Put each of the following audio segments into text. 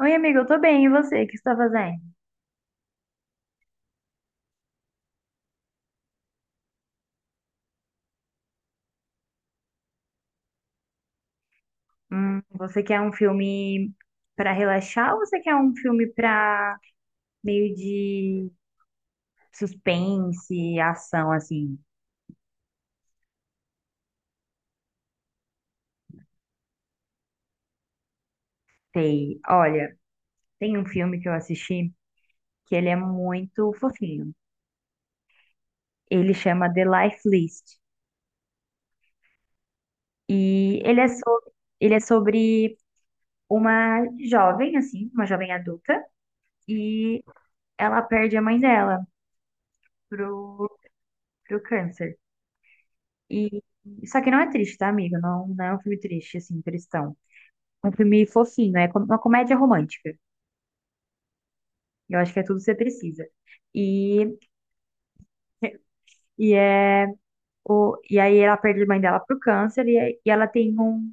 Oi, amigo, eu tô bem. E você? O que você tá fazendo? Você quer um filme pra relaxar ou você quer um filme pra meio de suspense, ação, assim? Sei. Olha, tem um filme que eu assisti que ele é muito fofinho. Ele chama The Life List. E ele é sobre uma jovem, assim, uma jovem adulta, e ela perde a mãe dela pro, pro câncer. E só que não é triste, tá, amigo? Não, não é um filme triste, assim, tristão. É um filme fofinho, uma comédia romântica. Eu acho que é tudo que você precisa. E, e, é, e aí ela perde a mãe dela pro câncer e ela tem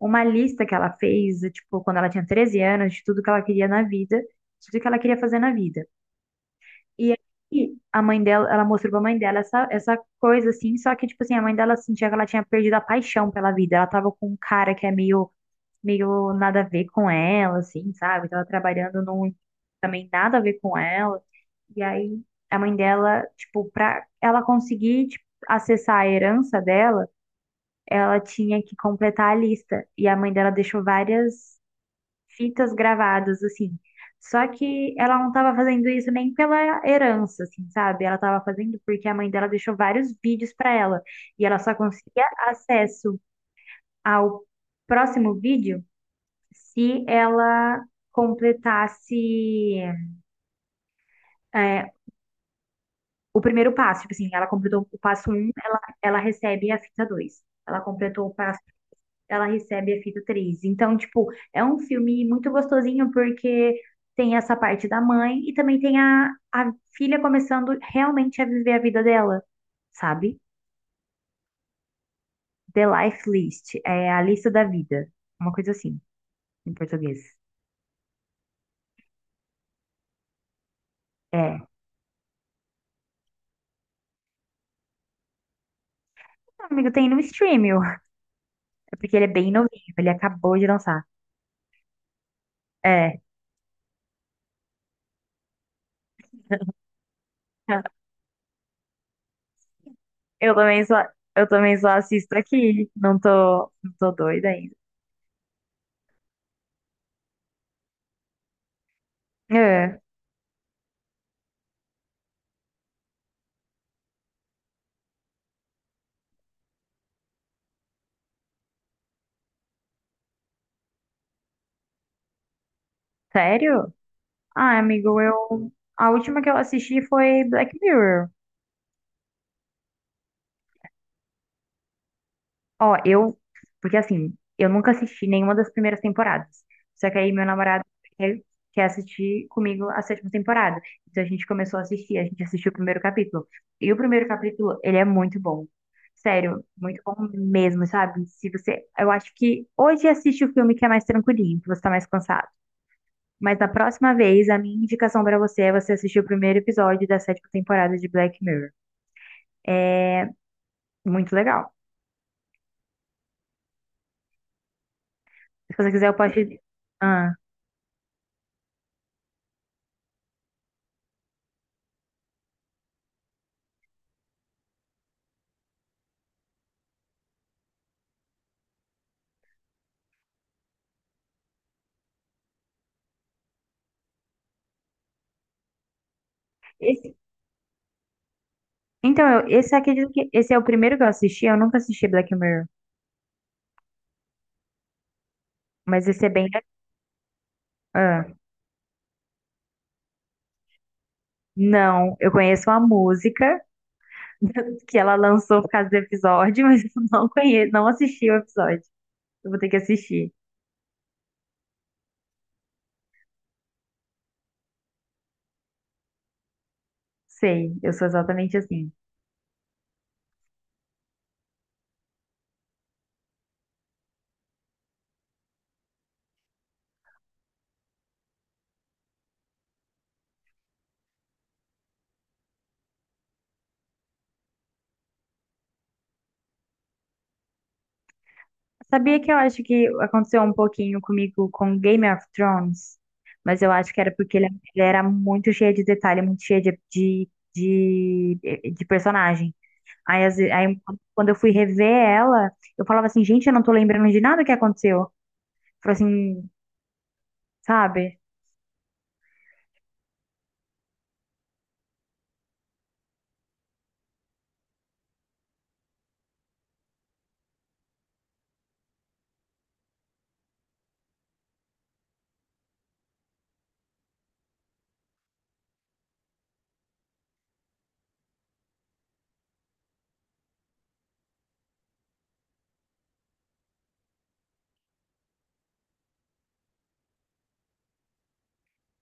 uma lista que ela fez, tipo, quando ela tinha 13 anos, de tudo que ela queria na vida, de tudo que ela queria fazer na vida. E aí a mãe dela, ela mostrou pra mãe dela essa coisa, assim, só que, tipo assim, a mãe dela sentia que ela tinha perdido a paixão pela vida. Ela tava com um cara que é meio nada a ver com ela, assim, sabe? Tava trabalhando num também nada a ver com ela. E aí a mãe dela, tipo, pra ela conseguir, tipo, acessar a herança dela, ela tinha que completar a lista. E a mãe dela deixou várias fitas gravadas, assim. Só que ela não tava fazendo isso nem pela herança, assim, sabe? Ela tava fazendo porque a mãe dela deixou vários vídeos pra ela. E ela só conseguia acesso ao próximo vídeo se ela completasse é, o primeiro passo, tipo assim, ela completou o passo um, ela recebe a fita 2. Ela completou o passo, ela recebe a fita 3. Então, tipo, é um filme muito gostosinho porque tem essa parte da mãe e também tem a filha começando realmente a viver a vida dela, sabe? The Life List, é a lista da vida, uma coisa assim, em português. É, amigo, tem no stream, ó. É porque ele é bem novinho, ele acabou de lançar. É, eu também eu também só assisto aqui. Não tô doida ainda. É, sério? Ah, amigo, eu. A última que eu assisti foi Black Mirror. Ó, eu. Porque assim, eu nunca assisti nenhuma das primeiras temporadas. Só que aí meu namorado quer, quer assistir comigo a sétima temporada. Então a gente começou a assistir, a gente assistiu o primeiro capítulo. E o primeiro capítulo, ele é muito bom. Sério, muito bom mesmo, sabe? Se você. Eu acho que hoje assiste o filme que é mais tranquilinho, que você tá mais cansado. Mas na próxima vez, a minha indicação pra você é você assistir o primeiro episódio da sétima temporada de Black Mirror. Muito legal. Se você quiser, eu posso te. Ah. Então, esse acredito que esse é o primeiro que eu assisti. Eu nunca assisti Black Mirror, mas esse é bem. Ah, não, eu conheço a música que ela lançou por causa do episódio, mas eu não conheço, não assisti o episódio. Eu vou ter que assistir. Sei, eu sou exatamente assim. Sabia que eu acho que aconteceu um pouquinho comigo com Game of Thrones, mas eu acho que era porque ele era muito cheio de detalhe, muito cheio de personagem. Aí, quando eu fui rever ela, eu falava assim, gente, eu não tô lembrando de nada que aconteceu. Falei assim, sabe?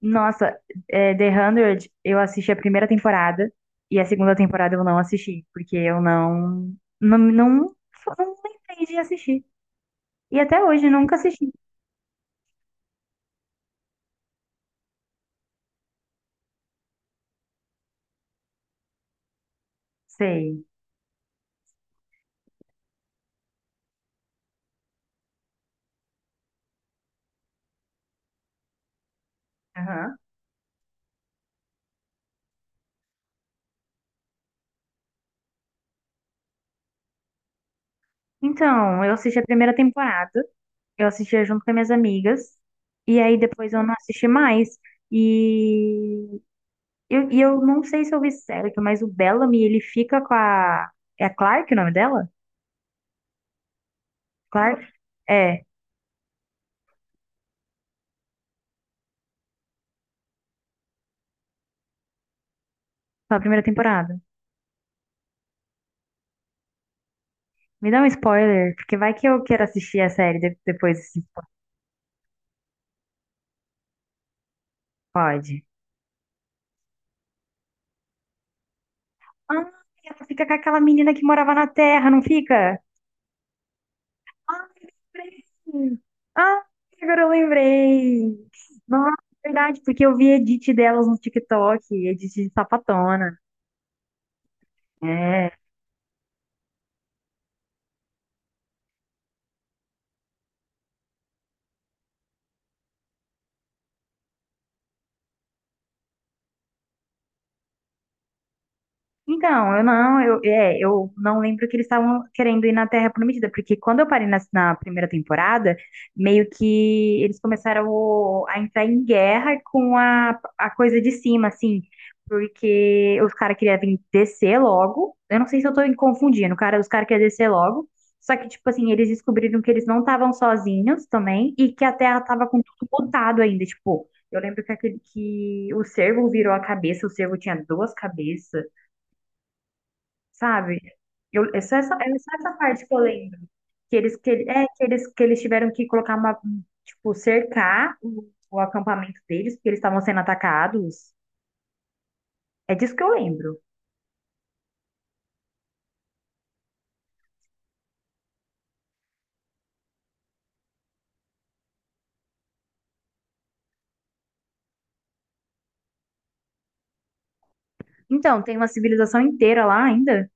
Nossa, é, The 100, eu assisti a primeira temporada e a segunda temporada eu não assisti, porque eu não, não, não, não lembrei de assistir. E até hoje nunca assisti. Sei. Aham. Então, eu assisti a primeira temporada, eu assistia junto com as minhas amigas, e aí depois eu não assisti mais. E eu, não sei se eu vi certo, mas o Bellamy, ele fica com a. É a Clark o nome dela? Clark? É, na primeira temporada. Me dá um spoiler, porque vai que eu quero assistir a série depois, se pode. Ah, ela fica com aquela menina que morava na Terra, não fica? Ah, lembrei. Ah, agora eu lembrei. Nossa, é verdade, porque eu vi edit delas no TikTok, edit de sapatona. É. Então, eu não lembro que eles estavam querendo ir na Terra Prometida, porque quando eu parei na primeira temporada, meio que eles começaram a entrar em guerra com a coisa de cima, assim, porque os caras queriam vir descer logo. Eu não sei se eu tô me confundindo, cara, os caras queriam descer logo. Só que, tipo assim, eles descobriram que eles não estavam sozinhos também e que a Terra tava com tudo lotado ainda, tipo. Eu lembro que, aquele, que o cervo virou a cabeça, o cervo tinha duas cabeças, sabe? Eu, é só essa parte que eu lembro. Que eles, que, ele- é, que eles tiveram que colocar tipo, cercar o acampamento deles, porque eles estavam sendo atacados. É disso que eu lembro. Então, tem uma civilização inteira lá ainda.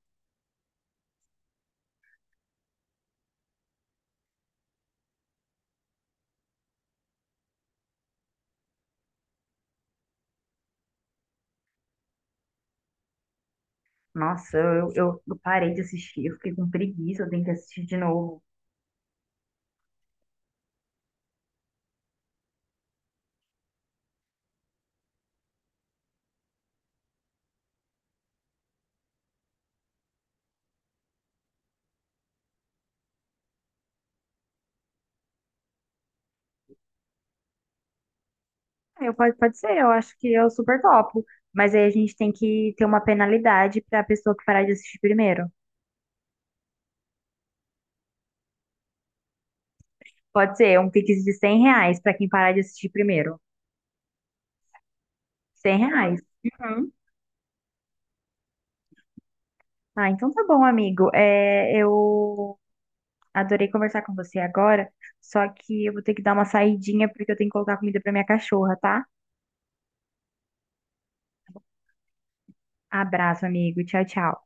Nossa, eu parei de assistir, eu fiquei com preguiça, eu tenho que assistir de novo. É, pode ser, eu acho que eu super topo. Mas aí a gente tem que ter uma penalidade para a pessoa que parar de assistir primeiro. Pode ser, um Pix de 100 reais para quem parar de assistir primeiro. 100 reais. Uhum. Ah, então tá bom, amigo. É, eu adorei conversar com você agora, só que eu vou ter que dar uma saidinha porque eu tenho que colocar comida pra minha cachorra, tá? Abraço, amigo. Tchau, tchau.